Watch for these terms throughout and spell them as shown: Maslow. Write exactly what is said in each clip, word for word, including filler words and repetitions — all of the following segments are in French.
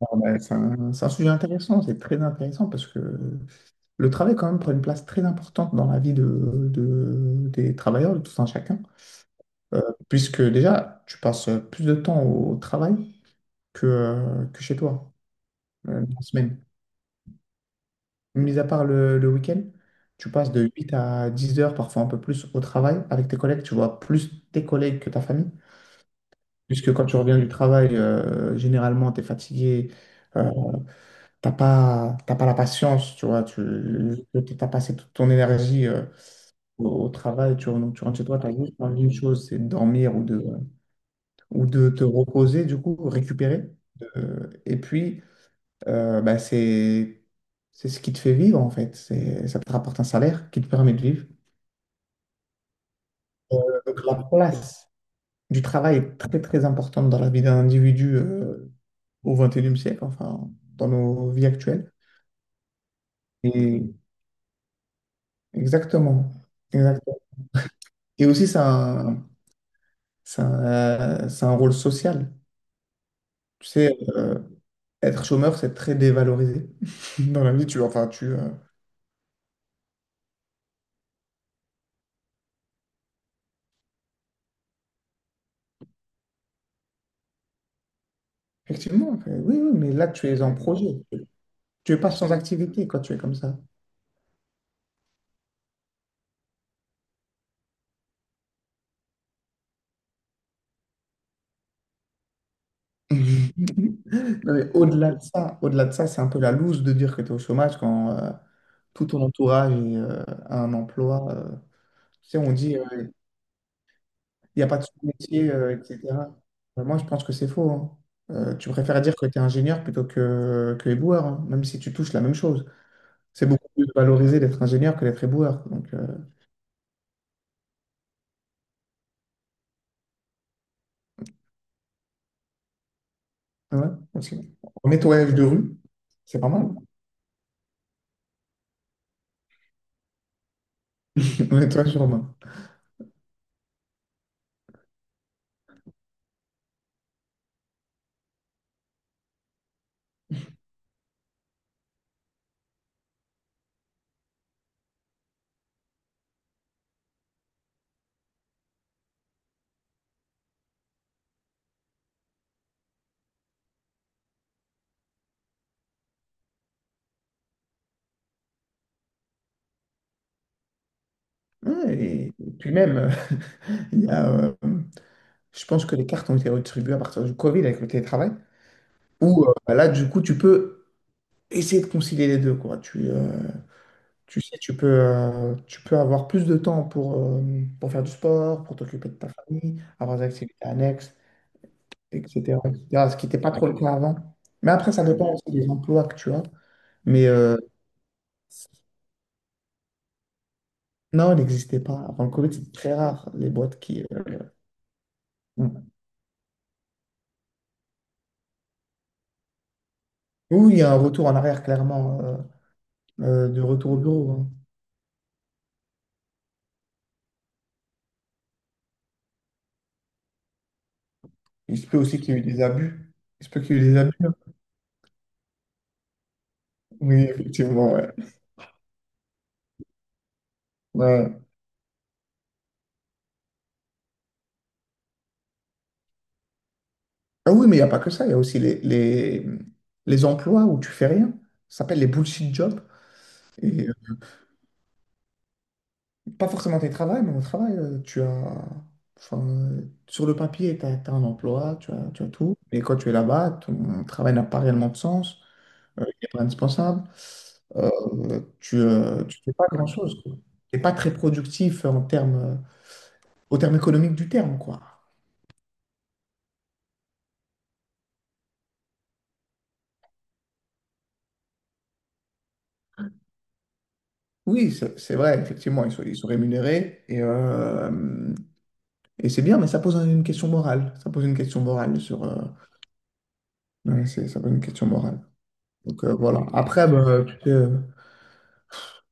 Ah ben, c'est un, c'est un sujet intéressant, c'est très intéressant parce que le travail quand même prend une place très importante dans la vie de, de- des travailleurs, de tout un chacun. Euh, Puisque déjà, tu passes plus de temps au travail que, euh, que chez toi, euh, dans la semaine. Mis à part le, le week-end, tu passes de huit à dix heures, parfois un peu plus, au travail avec tes collègues, tu vois plus tes collègues que ta famille, puisque quand tu reviens du travail, euh, généralement, tu es fatigué. euh, T'as pas, t'as pas la patience, tu vois, tu as passé toute ton énergie euh, au, au travail, tu, rentres- tu rentres chez toi, tu as juste envie d'une chose, c'est de dormir ou de, ou de te reposer, du coup, récupérer. Euh, et puis, euh, bah, c'est, c'est ce qui te fait vivre, en fait. C'est, ça te rapporte un salaire qui te permet de vivre. Euh, donc la place du travail est très, très importante dans la vie d'un individu euh, au vingt et unième siècle, enfin, dans nos vies actuelles. Et Exactement. Exactement. Et aussi, c'est un, c'est un, euh, c'est un rôle social. Tu sais, euh, être chômeur, c'est très dévalorisé. Dans la vie, tu, enfin, tu, euh, effectivement, euh, oui, oui, mais là, tu es en projet. Tu es pas sans activité quand tu es comme ça. Non, mais au-delà de ça, au-delà de ça, c'est un peu la loose de dire que tu es au chômage quand euh, tout ton entourage est, euh, a un emploi. euh. Tu sais, on dit, euh, il n'y a pas de sous-métier, euh, et cetera. Euh, moi, je pense que c'est faux, hein. Euh, tu préfères dire que tu es ingénieur plutôt que, que éboueur, hein, même si tu touches la même chose. C'est beaucoup plus valorisé d'être ingénieur que d'être éboueur. Donc, euh, ouais, aussi. En nettoyage de rue, c'est pas mal. En nettoyage urbain. Ouais, et, et puis même, euh, il y a, euh, je pense que les cartes ont été redistribuées à partir du Covid avec le télétravail, où euh, bah là, du coup, tu peux essayer de concilier les deux, quoi. Tu, euh, Tu sais, tu peux, euh, tu peux avoir plus de temps pour, euh, pour faire du sport, pour t'occuper de ta famille, avoir des activités annexes, et cetera et cetera ce qui n'était pas trop le cas avant. Mais après, ça dépend aussi des emplois que tu as. Mais euh, non, il n'existait pas. Avant le Covid, c'est très rare, les boîtes qui... euh, Oui, il y a un retour en arrière, clairement, euh, euh, de retour au bureau, hein. Il se peut aussi qu'il y ait eu des abus. Il se peut qu'il y ait eu des abus, hein. Oui, effectivement, ouais. Ouais. Ah oui, mais il n'y a pas que ça, il y a aussi les, les, les emplois où tu fais rien. Ça s'appelle les bullshit jobs. Et euh, pas forcément tes travails, mais au travail, euh, tu as. Enfin, euh, sur le papier, tu as un emploi, tu as, tu as tout. Mais quand tu es là-bas, ton travail n'a pas réellement de sens. Euh, il n'est pas indispensable. euh, tu ne tu fais pas grand-chose, quoi. Tu n'es pas très productif en termes, euh, au terme économique du terme, quoi. Oui, c'est c'est vrai, effectivement, ils sont, ils sont rémunérés. Et, euh, Et c'est bien, mais ça pose un- une question morale. Ça pose une question morale sur... euh, ouais, c'est- ça pose une question morale. Donc euh, voilà. Après, bah, tu sais, euh,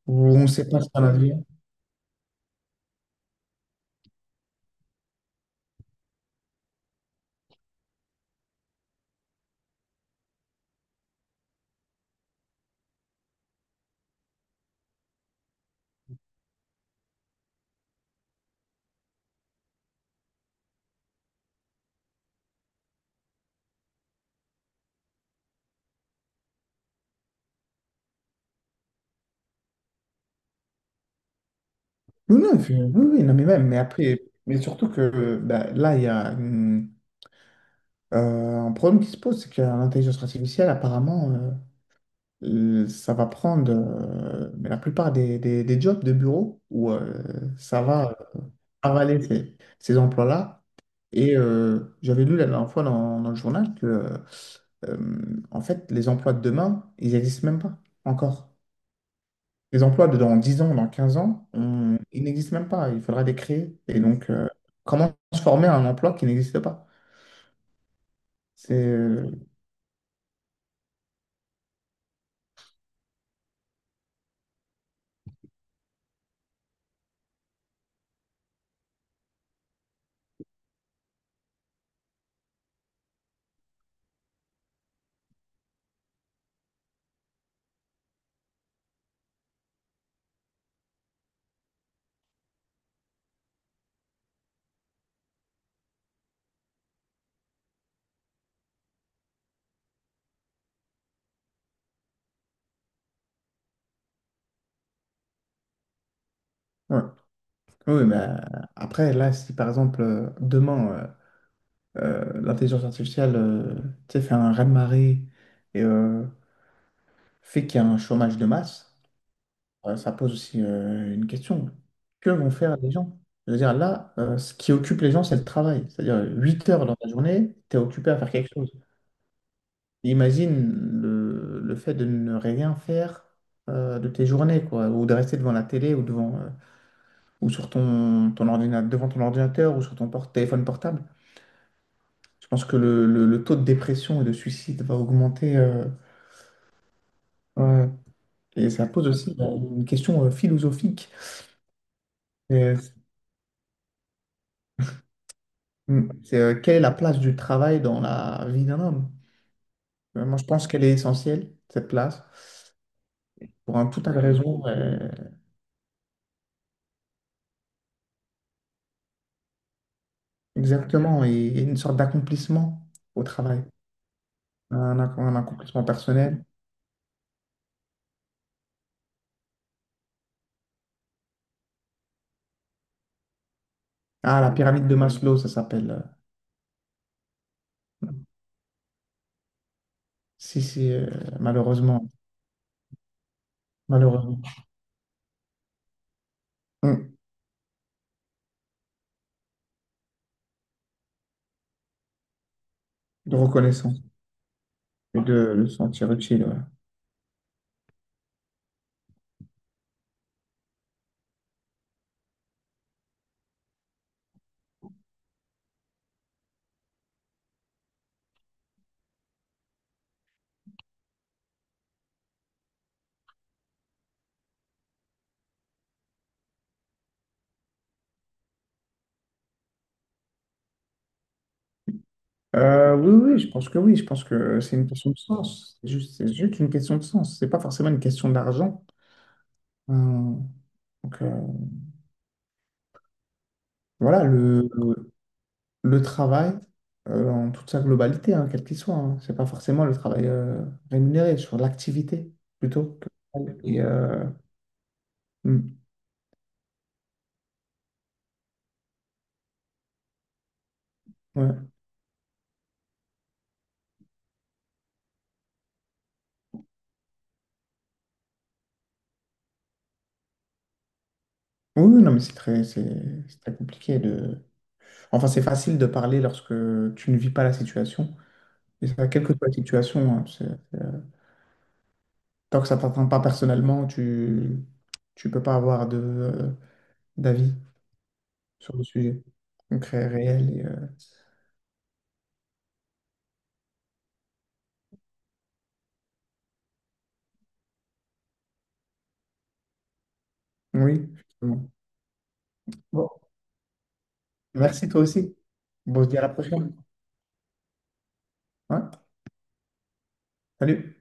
on ne sait pas ce qu'on a dit. Oui, non, puis- oui, oui, non, mais même, mais après, mais surtout que bah, là, il y a une- euh, un problème qui se pose, c'est que l'intelligence artificielle, apparemment, euh, euh, ça va prendre euh, mais la plupart des, des, des jobs de bureau où euh, ça va avaler ces, ces emplois-là. Et euh, j'avais lu la dernière fois dans, dans le journal que euh, en fait, les emplois de demain, ils n'existent même pas encore. Les emplois de dans dix ans, dans quinze ans, on- ils n'existent même pas. Il faudra les créer. Et donc, euh, comment se former à un emploi qui n'existe pas? C'est, euh, ouais. Oui, mais euh, après, là, si par exemple, euh, demain, euh, euh, l'intelligence artificielle, euh, tu sais, fait un raz-de-marée et euh, fait qu'il y a un chômage de masse, euh, ça pose aussi euh, une question. Que vont faire les gens? C'est-à-dire là, euh, ce qui occupe les gens, c'est le travail. C'est-à-dire huit heures dans la journée, tu es occupé à faire quelque chose. Imagine le, le fait de ne rien faire euh, de tes journées, quoi, ou de rester devant la télé ou devant euh, ou sur ton, ton ordinateur, devant ton ordinateur ou sur ton por- téléphone portable. Je pense que le, le- le taux de dépression et de suicide va augmenter. Euh, ouais. Et ça pose aussi euh, une question euh, philosophique. Mm. C'est euh, Quelle est la place du travail dans la vie d'un homme? Euh, moi, je pense qu'elle est essentielle, cette place, pour un, tout tas de raisons. Euh, exactement, et, et une sorte d'accomplissement au travail, un, ac- un accomplissement personnel. Ah, la pyramide de Maslow, ça s'appelle. euh, Si, si, euh, malheureusement, malheureusement. Mm. De reconnaissance et de le sentir utile, ouais. Euh, oui, oui, je pense que oui. Je pense que c'est une question de sens. C'est juste, c'est juste une question de sens. C'est pas forcément une question d'argent. Euh, donc euh, voilà, le, le, le travail euh, en toute sa globalité, hein, quel qu'il soit, hein, c'est pas forcément le travail euh, rémunéré, sur l'activité plutôt que. Et, euh, mm, ouais. Oui, oui, non, mais c'est très, c'est c'est très compliqué de. Enfin, c'est facile de parler lorsque tu ne vis pas la situation. Et ça, quelle que soit la situation, hein, tu Tant que ça t'atteint pas personnellement, tu tu peux pas avoir de euh, d'avis sur le sujet concret, réel. et, euh, Oui, effectivement. Bon, merci toi aussi. Bon, on se dit à la prochaine. Ouais, salut.